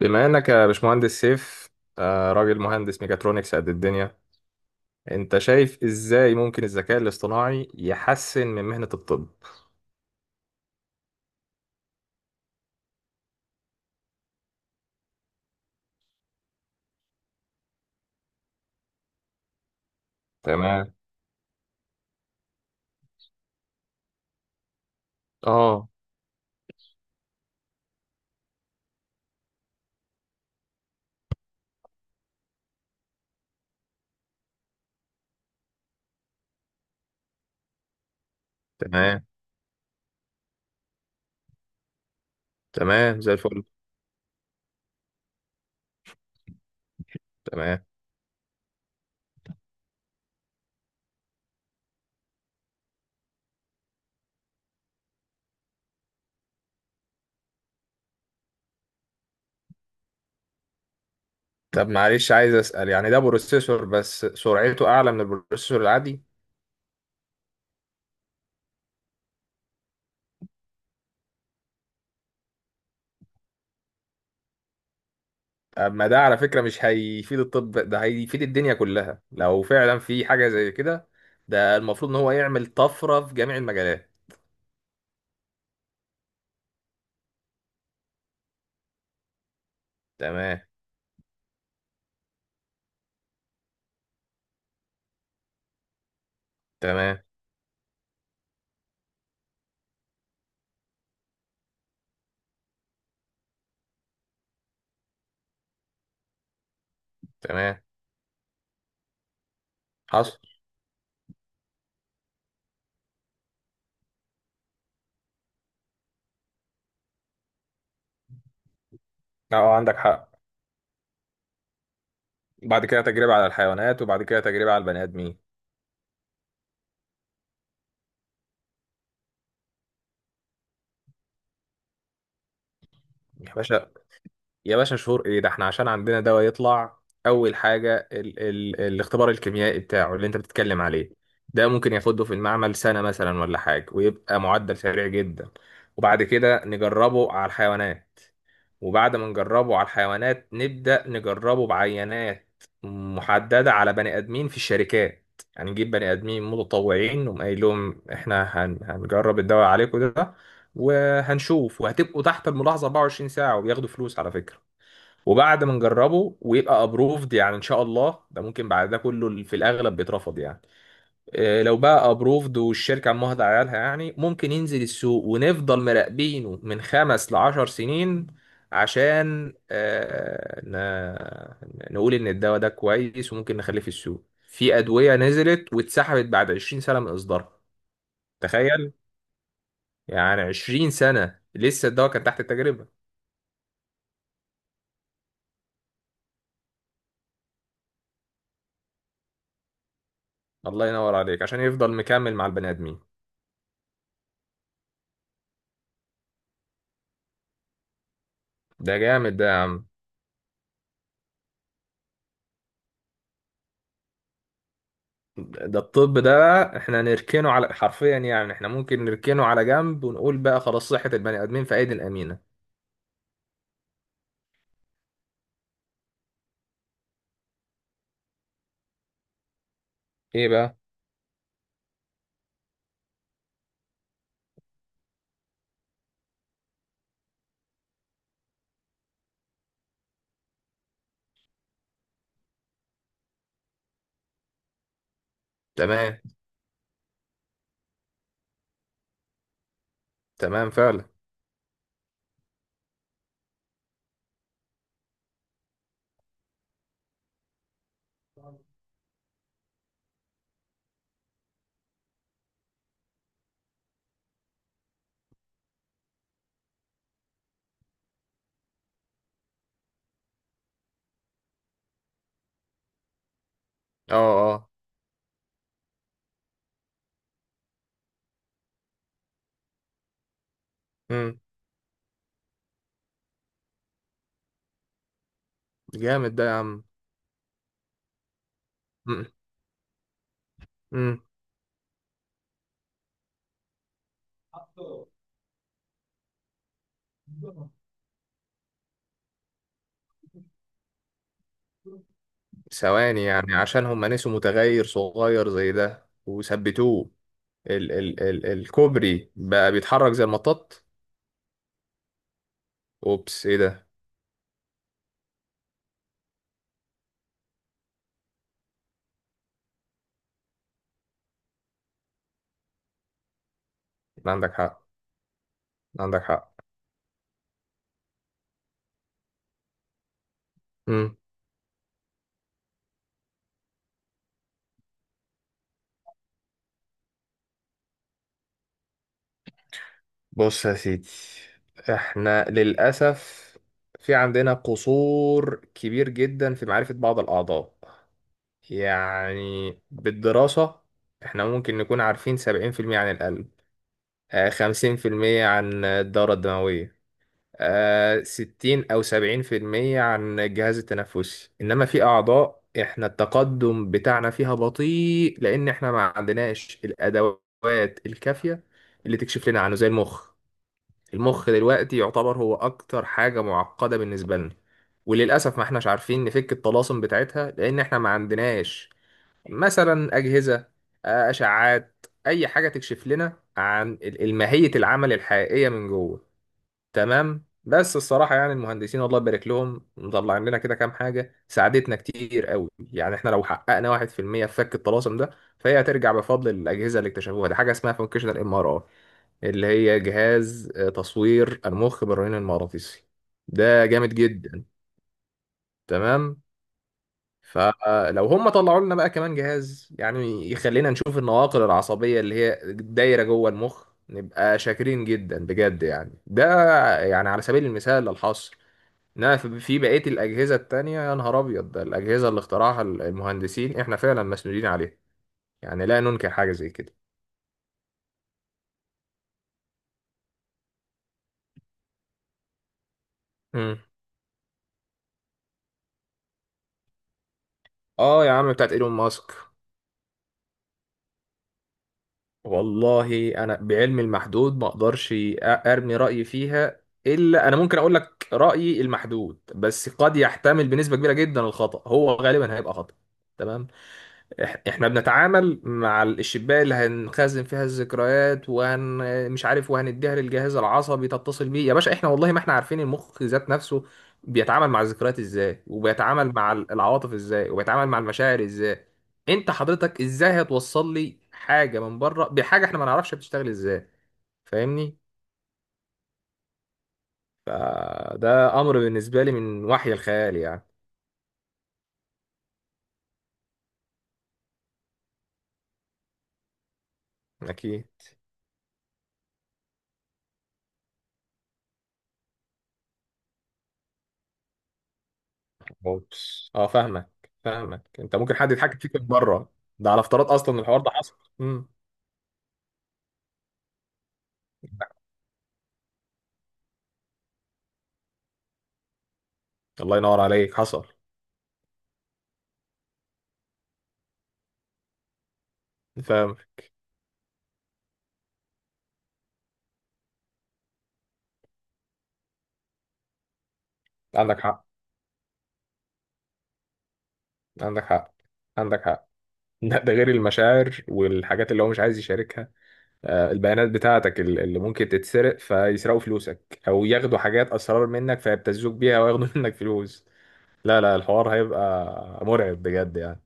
بما انك يا باشمهندس سيف، راجل مهندس ميكاترونكس قد الدنيا. انت شايف ازاي ممكن الذكاء الاصطناعي يحسن من مهنة الطب؟ تمام. اه. تمام. تمام زي الفل. تمام. طب معلش، عايز اسال، يعني ده بروسيسور بس سرعته اعلى من البروسيسور العادي؟ طب ما ده على فكرة مش هيفيد الطب، ده هيفيد الدنيا كلها لو فعلا في حاجة زي كده. ده المفروض ان هو يعمل طفرة في جميع المجالات. تمام. تمام. تمام. حصل. اه، عندك حق. بعد كده تجربة على الحيوانات، وبعد كده تجربة على البني آدمين. يا باشا، يا باشا، شهور ايه ده؟ احنا عشان عندنا دواء يطلع، أول حاجة ال الاختبار الكيميائي بتاعه اللي أنت بتتكلم عليه، ده ممكن ياخده في المعمل سنة مثلا ولا حاجة ويبقى معدل سريع جدا. وبعد كده نجربه على الحيوانات، وبعد ما نجربه على الحيوانات نبدأ نجربه بعينات محددة على بني آدمين في الشركات. يعني نجيب بني آدمين متطوعين نقوم قايل لهم إحنا هنجرب الدواء عليكم ده، وهنشوف، وهتبقوا تحت الملاحظة 24 ساعة، وبياخدوا فلوس على فكرة. وبعد ما نجربه ويبقى أبروفد، يعني إن شاء الله، ده ممكن بعد ده كله في الأغلب بيترفض يعني. لو بقى ابروفد والشركه عمها عيالها، يعني ممكن ينزل السوق ونفضل مراقبينه من 5-10 سنين عشان نقول ان الدواء ده كويس وممكن نخليه في السوق. في ادويه نزلت واتسحبت بعد 20 سنه من اصدارها. تخيل، يعني 20 سنه لسه الدواء كان تحت التجربه. الله ينور عليك، عشان يفضل مكمل مع البني ادمين. ده جامد ده يا عم. ده الطب ده بقى احنا نركنه على، حرفيا يعني احنا ممكن نركنه على جنب ونقول بقى خلاص صحة البني آدمين في أيدي الأمينة. ايه بقى؟ تمام. تمام فعلا. اه. اه. امم. جامد ده يا عم. امم. امم. ثواني يعني، عشان هم نسوا متغير صغير زي ده وثبتوه، ال الكوبري بقى بيتحرك زي المطاط. اوبس، ايه ده؟ عندك حق. عندك حق. بص يا سيدي، احنا للأسف في عندنا قصور كبير جدا في معرفة بعض الأعضاء، يعني بالدراسة. احنا ممكن نكون عارفين 70% عن القلب، 50% عن الدورة الدموية، 60 أو 70% عن الجهاز التنفسي. إنما في أعضاء احنا التقدم بتاعنا فيها بطيء، لأن احنا ما عندناش الأدوات الكافية اللي تكشف لنا عنه زي المخ. المخ دلوقتي يعتبر هو اكتر حاجة معقدة بالنسبة لنا، وللأسف ما احناش عارفين نفك الطلاسم بتاعتها، لان احنا ما عندناش مثلا أجهزة، أشعات، أي حاجة تكشف لنا عن الماهية، العمل الحقيقية من جوه. تمام، بس الصراحة يعني المهندسين الله يبارك لهم مطلعين لنا كده كام حاجة ساعدتنا كتير قوي. يعني احنا لو حققنا 1% في المية في فك الطلاسم ده، فهي هترجع بفضل الأجهزة اللي اكتشفوها. دي حاجة اسمها فانكشنال ام ار اي، اللي هي جهاز تصوير المخ بالرنين المغناطيسي. ده جامد جدا. تمام. فلو هم طلعوا لنا بقى كمان جهاز يعني يخلينا نشوف النواقل العصبية اللي هي دايرة جوه المخ، نبقى شاكرين جدا بجد. يعني ده، يعني على سبيل المثال للحصر. انما في بقية الأجهزة التانية، يا نهار أبيض، ده الأجهزة اللي اخترعها المهندسين، احنا فعلا مسؤولين عليها، يعني لا ننكر حاجة زي كده. مم. اه يا عم، بتاعت ايلون ماسك؟ والله انا بعلمي المحدود ما اقدرش ارمي رايي فيها. الا انا ممكن اقول لك رايي المحدود، بس قد يحتمل بنسبه كبيره جدا الخطا، هو غالبا هيبقى خطا. تمام. احنا بنتعامل مع الشباك اللي هنخزن فيها الذكريات، مش عارف، وهنديها للجهاز العصبي تتصل بيه. يا باشا، احنا والله ما احنا عارفين المخ ذات نفسه بيتعامل مع الذكريات ازاي، وبيتعامل مع العواطف ازاي، وبيتعامل مع المشاعر ازاي. انت حضرتك ازاي هتوصل لي حاجة من بره بحاجة احنا ما نعرفش بتشتغل ازاي؟ فاهمني؟ ده امر بالنسبة لي من وحي الخيال يعني. اكيد. اوبس، اه، فاهمك. فاهمك، انت ممكن حد يتحكم فيك من بره. ده على افتراض اصلا إن الحوار ده حصل. امم. الله ينور عليك، حصل. فاهم. عندك حق. عندك حق. عندك حق. ده غير المشاعر والحاجات اللي هو مش عايز يشاركها. البيانات بتاعتك اللي ممكن تتسرق، فيسرقوا فلوسك او ياخدوا حاجات اسرار منك فيبتزوك بيها وياخدوا منك فلوس. لا، لا، الحوار هيبقى مرعب بجد يعني.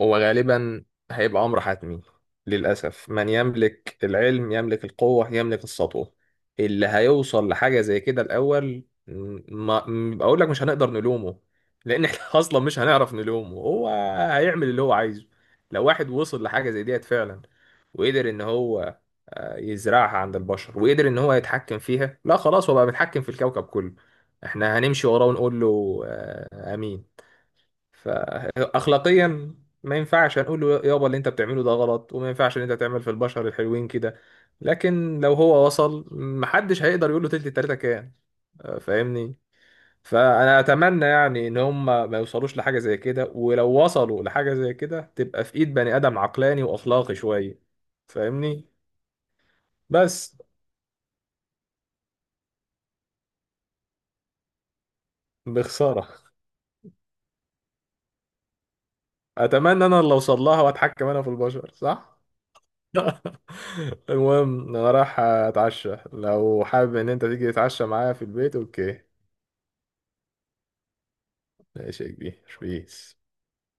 هو غالبا هيبقى أمر حتمي، للأسف. من يملك العلم يملك القوة يملك السطوة. اللي هيوصل لحاجة زي كده الأول، ما م- بقول لك مش هنقدر نلومه، لأن احنا أصلا مش هنعرف نلومه. هو هيعمل اللي هو عايزه. لو واحد وصل لحاجة زي ديت فعلا، وقدر إن هو يزرعها عند البشر، وقدر إن هو يتحكم فيها، لا خلاص، هو بقى بيتحكم في الكوكب كله. احنا هنمشي وراه ونقول له آه، آمين. فأخلاقيا، ما ينفعش هنقول له يابا اللي انت بتعمله ده غلط، وما ينفعش ان انت تعمل في البشر الحلوين كده. لكن لو هو وصل، محدش هيقدر يقول له تلت التلاته كان. فاهمني؟ فانا اتمنى يعني ان هم ما يوصلوش لحاجه زي كده، ولو وصلوا لحاجه زي كده تبقى في ايد بني ادم عقلاني واخلاقي شويه. فاهمني؟ بس بخساره. اتمنى انا اللي اوصل لها واتحكم انا في البشر، صح؟ المهم، انا رايح اتعشى، لو حابب ان انت تيجي تتعشى معايا في البيت. اوكي؟ ماشي يا كبير. بيس.